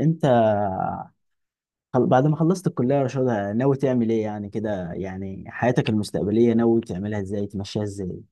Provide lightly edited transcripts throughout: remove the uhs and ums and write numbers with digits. انت بعد ما خلصت الكلية يا رشاد، ناوي تعمل ايه؟ يعني كده، يعني حياتك المستقبلية ناوي تعملها ازاي، تمشيها ازاي؟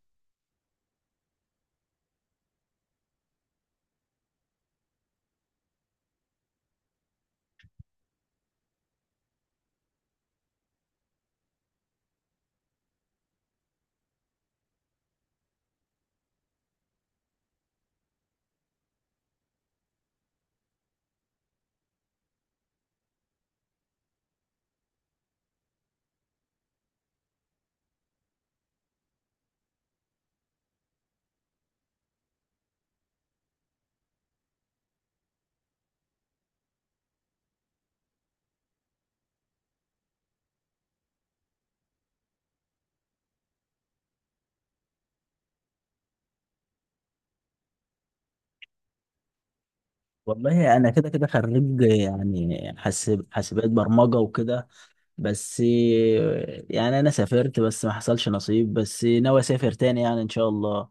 والله انا كده كده خريج، يعني حاسبات برمجه وكده. بس يعني انا سافرت بس ما حصلش نصيب، بس ناوي اسافر تاني يعني ان شاء الله،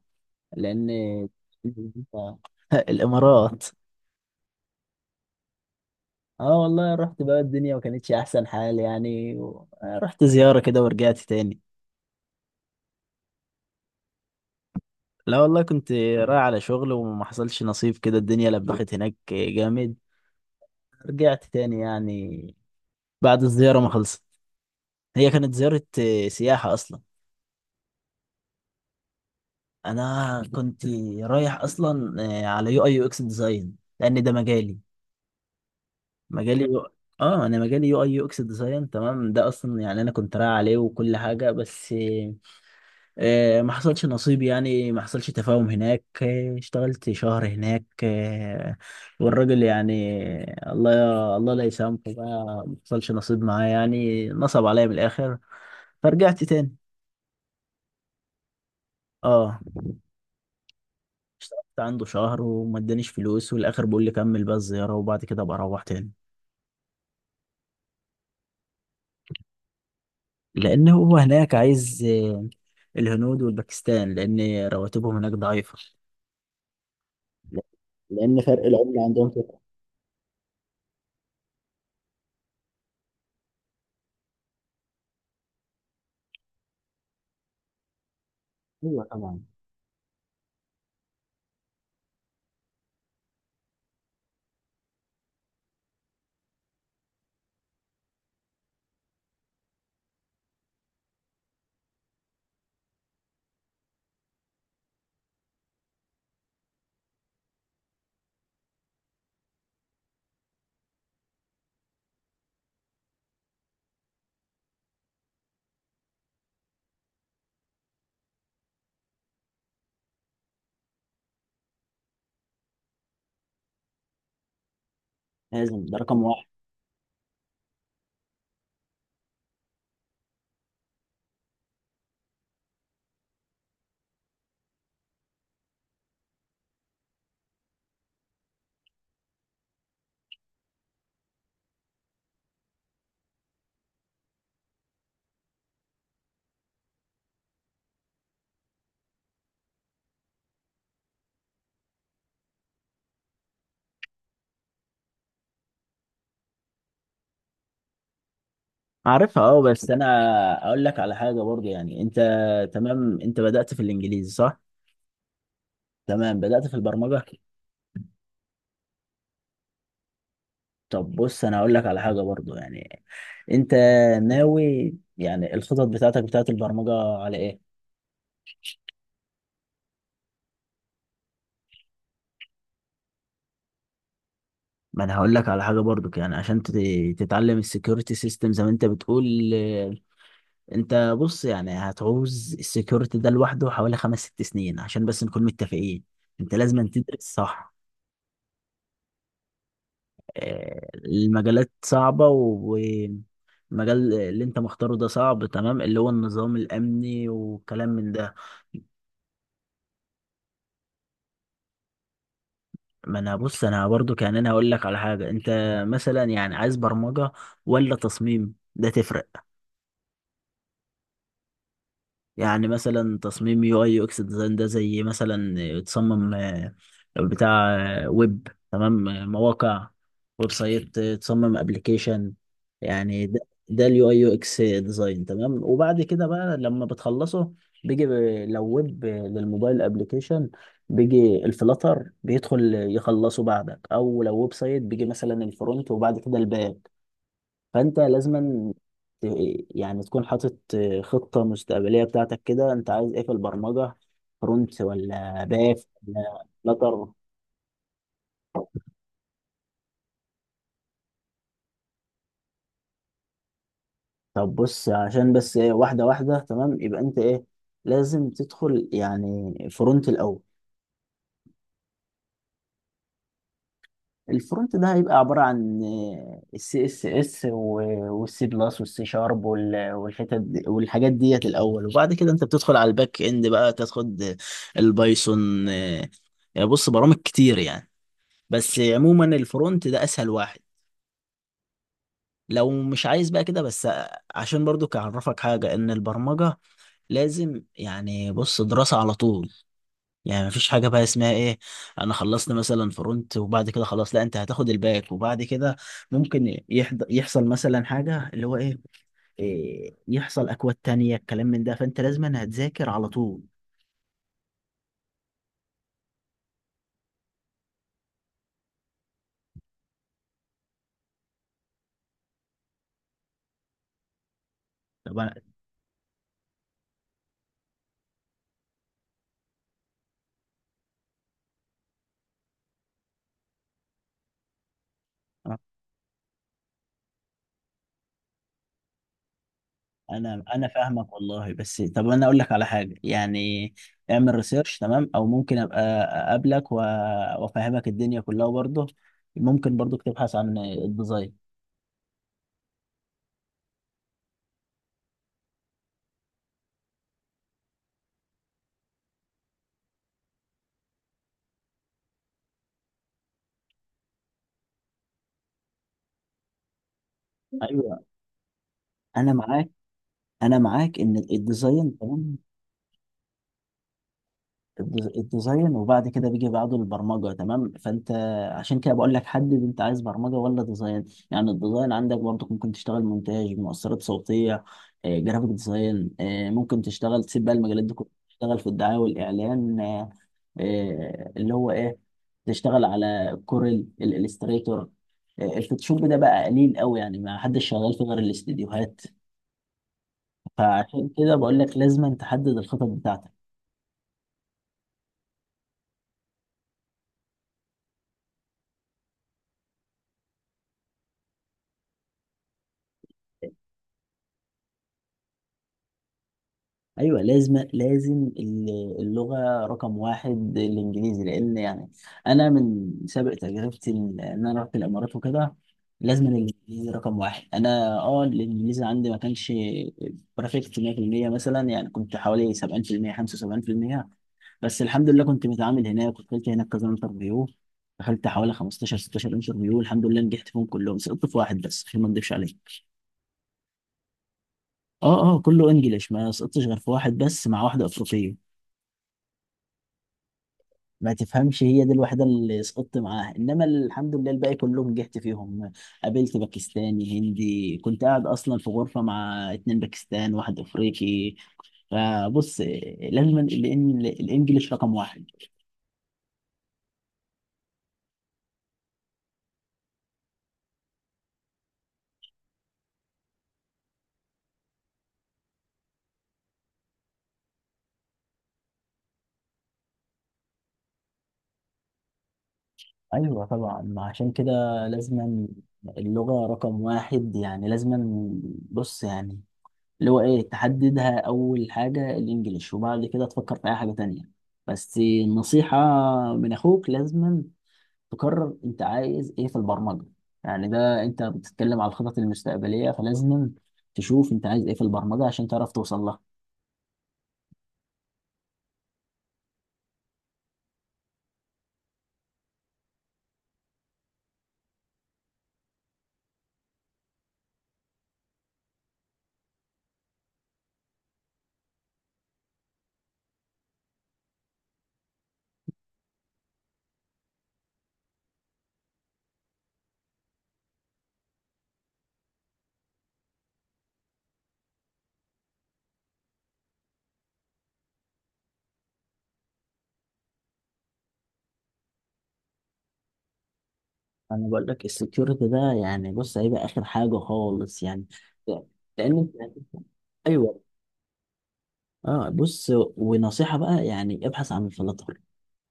لان الامارات. اه والله، رحت بقى، الدنيا ما كانتش احسن حال يعني، رحت زياره كده ورجعت تاني. لا والله، كنت رايح على شغل وما حصلش نصيب، كده الدنيا لبخت هناك جامد. رجعت تاني يعني، بعد الزيارة ما خلصت، هي كانت زيارة سياحة أصلا. أنا كنت رايح أصلا على يو أي يو إكس ديزاين، لأن ده مجالي. مجالي يو... أنا مجالي يو أي يو إكس ديزاين، تمام؟ ده أصلا يعني أنا كنت رايح عليه وكل حاجة، بس ما حصلش نصيب يعني، ما حصلش تفاهم هناك. اشتغلت شهر هناك. والراجل يعني، الله الله لا يسامحه، بقى ما حصلش نصيب معاه يعني، نصب عليا من الاخر فرجعت تاني. اه، اشتغلت عنده شهر وما ادانيش فلوس، والاخر بيقول لي كمل بقى الزياره وبعد كده ابقى اروح تاني. لان هو هناك عايز الهنود والباكستان، لان رواتبهم هناك ضعيفه، لان فرق العمله عندهم كده. ايوه طبعا. لازم، ده رقم واحد. عارفها، اه، بس انا اقول لك على حاجه برضه يعني. انت تمام، انت بدات في الانجليزي، صح؟ تمام. بدات في البرمجه؟ طب بص، انا اقول لك على حاجه برضه يعني. انت ناوي يعني الخطط بتاعتك بتاعت البرمجه على ايه؟ ما انا هقول لك على حاجه برضك يعني. عشان تتعلم السكيورتي سيستم زي ما انت بتقول، انت بص يعني هتعوز السكيورتي ده لوحده حوالي 5 6 سنين، عشان بس نكون متفقين. انت لازم تدرس، صح. المجالات صعبة. المجال اللي انت مختاره ده صعب تمام، اللي هو النظام الامني وكلام من ده. ما انا بص، انا برضو كان هقول لك على حاجه. انت مثلا يعني عايز برمجه ولا تصميم؟ ده تفرق. يعني مثلا تصميم يو اي يو اكس ديزاين، ده زي مثلا تصمم بتاع ويب، تمام؟ مواقع، ويب سايت، تصمم ابلكيشن. يعني ده، ده اليو اي يو اكس ديزاين، تمام؟ وبعد كده بقى لما بتخلصه، بيجي لو ويب للموبايل ابلكيشن بيجي الفلاتر بيدخل يخلصه بعدك، او لو ويب سايت بيجي مثلا الفرونت وبعد كده الباك. فانت لازما ت- يعني تكون حاطط خطة مستقبلية بتاعتك كده، انت عايز ايه في البرمجة؟ فرونت ولا باك ولا فلاتر؟ طب بص، عشان بس واحدة واحدة، تمام. يبقى انت ايه، لازم تدخل يعني فرونت الاول. الفرونت ده هيبقى عبارة عن السي اس اس والسي بلس والسي شارب والحاجات ديت الاول، وبعد كده انت بتدخل على الباك اند بقى، تاخد البايثون. بص، برامج كتير يعني، بس عموما الفرونت ده اسهل واحد. لو مش عايز بقى كده بس، عشان برضو اعرفك حاجه، ان البرمجه لازم يعني، بص، دراسه على طول. يعني مفيش حاجه بقى اسمها ايه، انا خلصت مثلا فرونت وبعد كده خلاص. لا، انت هتاخد الباك، وبعد كده ممكن يحصل مثلا حاجه اللي هو ايه، يحصل اكواد تانية الكلام من ده، فانت لازم هتذاكر على طول. طب أنا- انا فاهمك والله، بس طب انا اقول لك على حاجه يعني. اعمل ريسيرش، تمام؟ او ممكن ابقى وافهمك الدنيا كلها برضه. ممكن برضه تبحث عن الديزاين. ايوه، انا معاك. ان الديزاين تمام، الديزاين، وبعد كده بيجي بعده البرمجه، تمام؟ فانت عشان كده بقول لك حدد، انت عايز برمجه ولا ديزاين؟ يعني الديزاين عندك برضه ممكن تشتغل مونتاج، مؤثرات صوتيه، جرافيك ديزاين. ممكن تشتغل، تسيب بقى المجالات دي كلها، تشتغل في الدعايه والاعلان. اللي هو ايه، تشتغل على كوريل، الالستريتور. الفوتوشوب ده بقى قليل قوي يعني، ما حدش شغال فيه غير الاستديوهات. فعشان كده بقول لك لازم تحدد الخطط بتاعتك. ايوه، لازم لازم. اللغه رقم واحد الانجليزي، لان يعني انا من سابق تجربتي، ان انا رحت الامارات وكده، لازم الانجليزي رقم واحد. انا الانجليزي عندي ما كانش بيرفكت 100% مثلا، يعني كنت حوالي 70% 75%. بس الحمد لله كنت متعامل هناك، ودخلت هناك كذا انترفيو، دخلت حوالي 15 16 انترفيو، الحمد لله نجحت فيهم كلهم، سقطت في واحد بس عشان ما اكدبش عليك. اه اه، كله انجليش، ما سقطتش غير في واحد بس، مع واحده افريقيه. ما تفهمش، هي دي الوحيدة اللي سقطت معاها، انما الحمد لله الباقي كلهم نجحت فيهم. قابلت باكستاني، هندي، كنت قاعد اصلا في غرفة مع 2 باكستان، واحد افريقي. فبص، لازم الانجليش رقم واحد. ايوه طبعا، ما عشان كده لازم اللغة رقم واحد يعني، لازم. بص يعني، اللي هو ايه، تحددها اول حاجة الانجليش، وبعد كده تفكر في اي حاجة تانية. بس النصيحة من اخوك، لازم تقرر انت عايز ايه في البرمجه. يعني ده انت بتتكلم على الخطط المستقبليه، فلازم تشوف انت عايز ايه في البرمجه عشان تعرف توصل لها. انا بقول لك السكيورتي ده يعني، بص، هيبقى اخر حاجه خالص يعني، لان انت. ايوه. اه، بص، ونصيحه بقى يعني، ابحث عن الفلاتر.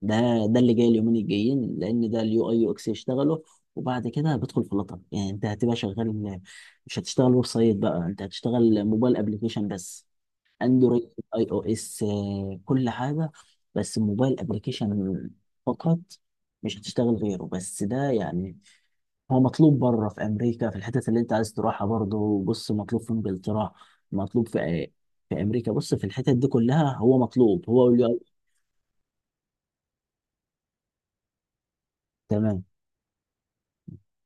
ده ده اللي جاي اليومين الجايين، لان ده اليو اي يو اكس يشتغلوا، وبعد كده بدخل فلاتر. يعني انت هتبقى شغال، مش هتشتغل ويب سايت بقى، انت هتشتغل موبايل ابلكيشن بس، اندرويد، اي او اس، كل حاجه. بس الموبايل ابلكيشن فقط، مش هتشتغل غيره. بس ده يعني هو مطلوب بره، في امريكا، في الحتت اللي انت عايز تروحها برضه. بص، مطلوب في انجلترا، مطلوب في في امريكا. بص في الحتت دي كلها هو مطلوب، هو واليو آي. تمام.